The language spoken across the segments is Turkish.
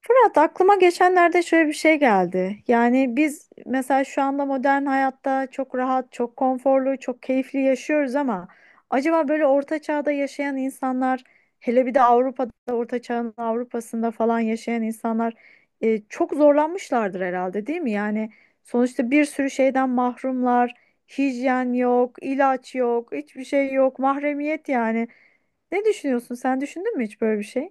Fırat aklıma geçenlerde şöyle bir şey geldi. Yani biz mesela şu anda modern hayatta çok rahat, çok konforlu, çok keyifli yaşıyoruz ama acaba böyle orta çağda yaşayan insanlar, hele bir de Avrupa'da, orta çağın Avrupa'sında falan yaşayan insanlar çok zorlanmışlardır herhalde, değil mi? Yani sonuçta bir sürü şeyden mahrumlar, hijyen yok, ilaç yok, hiçbir şey yok, mahremiyet yani. Ne düşünüyorsun? Sen düşündün mü hiç böyle bir şey?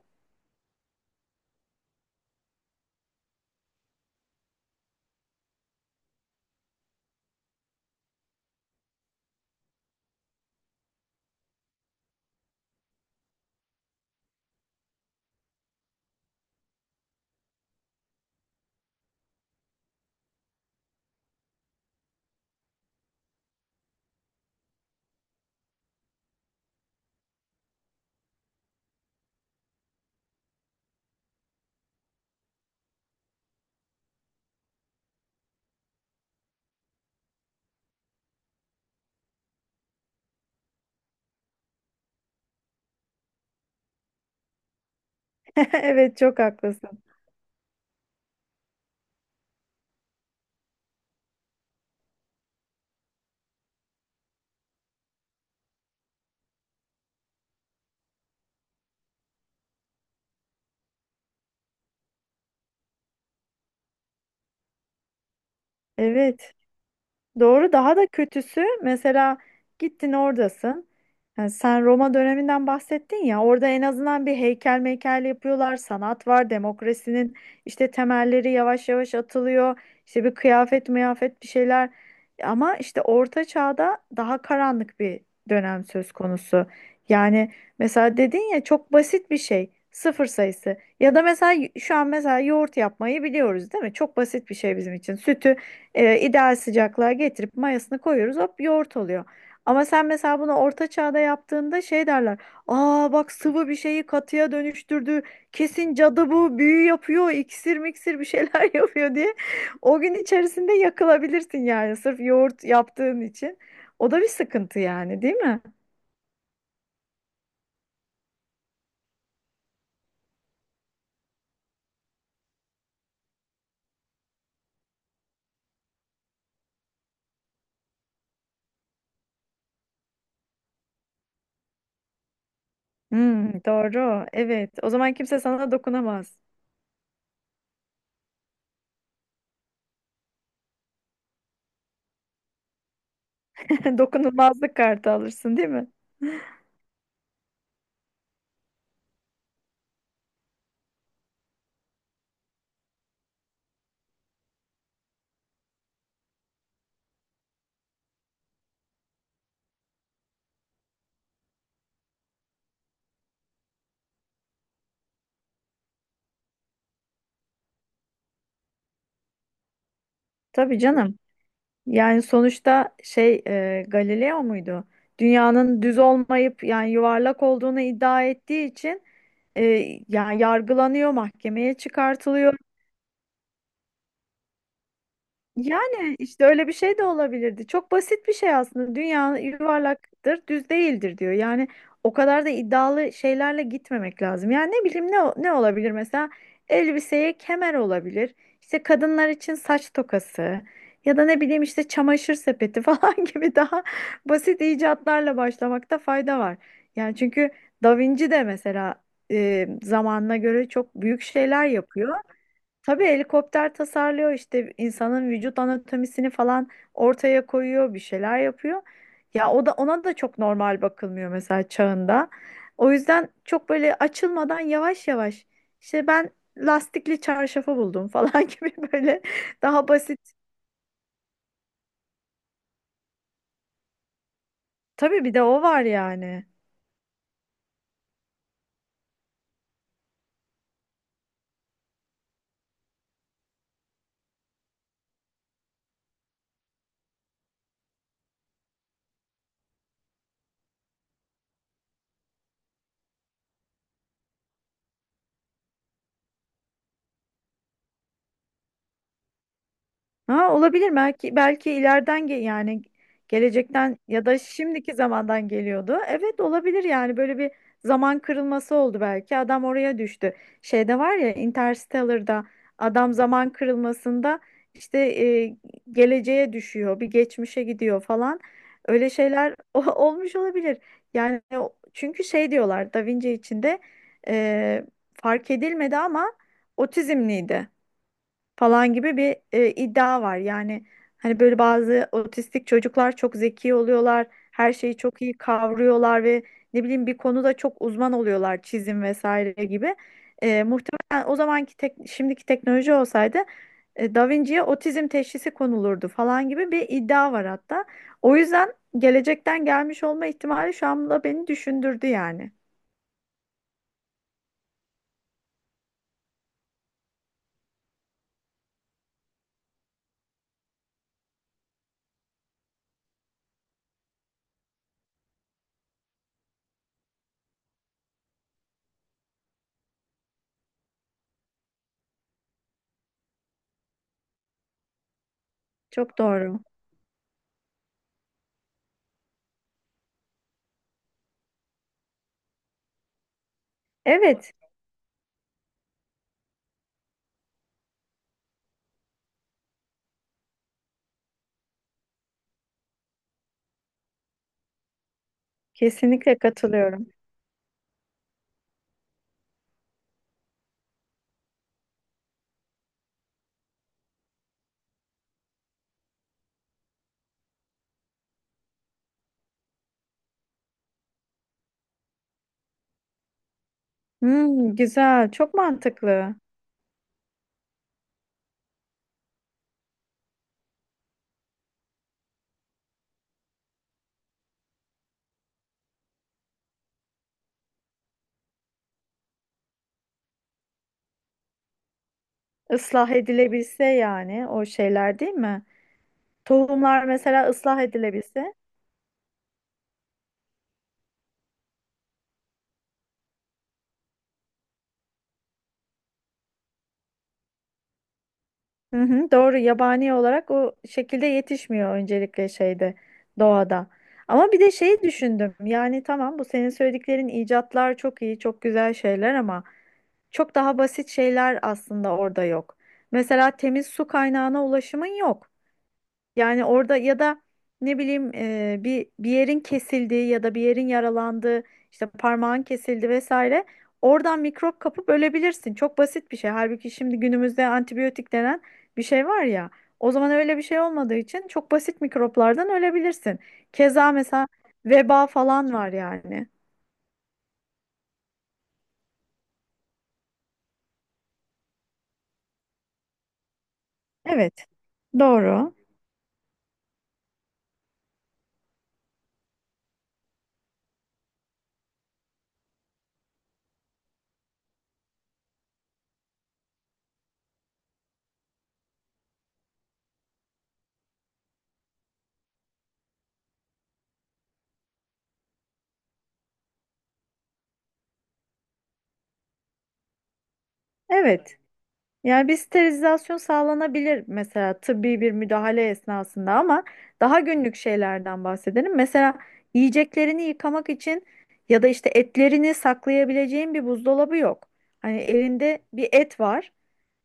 Evet, çok haklısın. Evet. Doğru, daha da kötüsü mesela gittin oradasın. Yani sen Roma döneminden bahsettin ya, orada en azından bir heykel meykel yapıyorlar. Sanat var, demokrasinin işte temelleri yavaş yavaş atılıyor. İşte bir kıyafet mıyafet bir şeyler. Ama işte orta çağda daha karanlık bir dönem söz konusu. Yani mesela dedin ya çok basit bir şey, sıfır sayısı. Ya da mesela şu an mesela yoğurt yapmayı biliyoruz değil mi? Çok basit bir şey bizim için. Sütü ideal sıcaklığa getirip mayasını koyuyoruz, hop yoğurt oluyor. Ama sen mesela bunu orta çağda yaptığında şey derler. Aa bak, sıvı bir şeyi katıya dönüştürdü. Kesin cadı, bu büyü yapıyor, iksir miksir bir şeyler yapıyor diye. O gün içerisinde yakılabilirsin yani, sırf yoğurt yaptığın için. O da bir sıkıntı yani, değil mi? Hmm, doğru, evet, o zaman kimse sana dokunamaz. Dokunulmazlık kartı alırsın değil mi? Tabii canım. Yani sonuçta şey, Galileo muydu? Dünyanın düz olmayıp yani yuvarlak olduğunu iddia ettiği için e, yani yargılanıyor, mahkemeye çıkartılıyor. Yani işte öyle bir şey de olabilirdi. Çok basit bir şey aslında. Dünya yuvarlaktır, düz değildir diyor. Yani o kadar da iddialı şeylerle gitmemek lazım. Yani ne bileyim, ne ne olabilir mesela, elbiseye kemer olabilir. İşte kadınlar için saç tokası ya da ne bileyim işte çamaşır sepeti falan gibi daha basit icatlarla başlamakta fayda var. Yani çünkü Da Vinci de mesela zamanına göre çok büyük şeyler yapıyor. Tabii helikopter tasarlıyor, işte insanın vücut anatomisini falan ortaya koyuyor, bir şeyler yapıyor. Ya o da, ona da çok normal bakılmıyor mesela çağında. O yüzden çok böyle açılmadan yavaş yavaş işte ben lastikli çarşafı buldum falan gibi böyle daha basit. Tabii bir de o var yani. Ha, olabilir belki, belki ileriden yani gelecekten ya da şimdiki zamandan geliyordu. Evet olabilir, yani böyle bir zaman kırılması oldu belki. Adam oraya düştü. Şeyde var ya, Interstellar'da adam zaman kırılmasında işte geleceğe düşüyor, bir geçmişe gidiyor falan. Öyle şeyler olmuş olabilir. Yani o- çünkü şey diyorlar, Da Vinci içinde e, fark edilmedi ama otizmliydi falan gibi bir iddia var. Yani hani böyle bazı otistik çocuklar çok zeki oluyorlar, her şeyi çok iyi kavruyorlar ve ne bileyim bir konuda çok uzman oluyorlar, çizim vesaire gibi. Muhtemelen o zamanki tek, şimdiki teknoloji olsaydı Da Vinci'ye otizm teşhisi konulurdu falan gibi bir iddia var hatta. O yüzden gelecekten gelmiş olma ihtimali şu anda beni düşündürdü yani. Çok doğru. Evet, kesinlikle katılıyorum. Hmm, güzel, çok mantıklı. Islah edilebilse yani, o şeyler değil mi? Tohumlar mesela ıslah edilebilse. Hı hı, doğru, yabani olarak o şekilde yetişmiyor öncelikle şeyde, doğada. Ama bir de şeyi düşündüm. Yani tamam, bu senin söylediklerin icatlar çok iyi, çok güzel şeyler ama çok daha basit şeyler aslında orada yok. Mesela temiz su kaynağına ulaşımın yok. Yani orada ya da ne bileyim bir yerin kesildiği ya da bir yerin yaralandığı işte parmağın kesildi vesaire, oradan mikrop kapıp ölebilirsin. Çok basit bir şey. Halbuki şimdi günümüzde antibiyotik denen bir şey var ya. O zaman öyle bir şey olmadığı için çok basit mikroplardan ölebilirsin. Keza mesela veba falan var yani. Evet, doğru. Evet. Yani bir sterilizasyon sağlanabilir mesela tıbbi bir müdahale esnasında ama daha günlük şeylerden bahsedelim. Mesela yiyeceklerini yıkamak için ya da işte etlerini saklayabileceğin bir buzdolabı yok. Hani elinde bir et var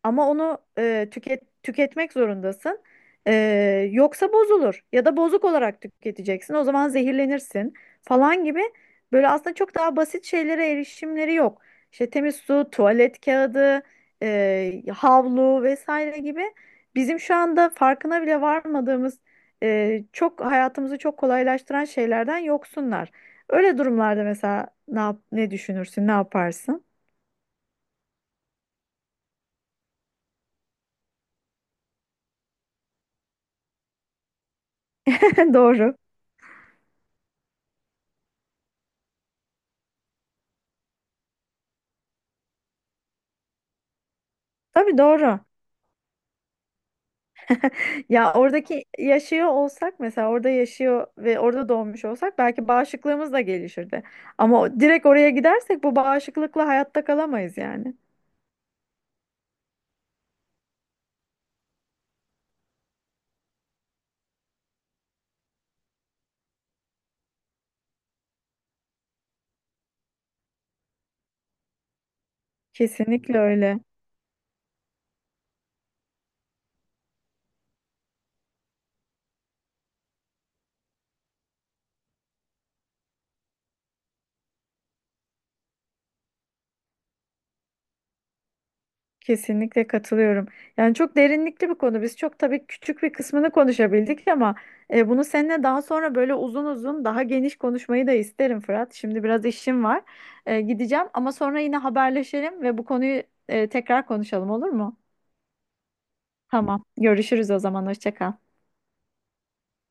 ama onu tüketmek zorundasın. E, yoksa bozulur ya da bozuk olarak tüketeceksin. O zaman zehirlenirsin falan gibi, böyle aslında çok daha basit şeylere erişimleri yok. İşte temiz su, tuvalet kağıdı, havlu vesaire gibi bizim şu anda farkına bile varmadığımız, çok hayatımızı çok kolaylaştıran şeylerden yoksunlar. Öyle durumlarda mesela ne ne düşünürsün, ne yaparsın? Doğru. Tabii doğru. Ya oradaki yaşıyor olsak mesela, orada yaşıyor ve orada doğmuş olsak belki bağışıklığımız da gelişirdi. Ama o- direkt oraya gidersek bu bağışıklıkla hayatta kalamayız yani. Kesinlikle öyle. Kesinlikle katılıyorum. Yani çok derinlikli bir konu. Biz çok tabii küçük bir kısmını konuşabildik ama bunu seninle daha sonra böyle uzun uzun daha geniş konuşmayı da isterim Fırat. Şimdi biraz işim var. Gideceğim ama sonra yine haberleşelim ve bu konuyu tekrar konuşalım olur mu? Tamam. Görüşürüz o zaman. Hoşça kal.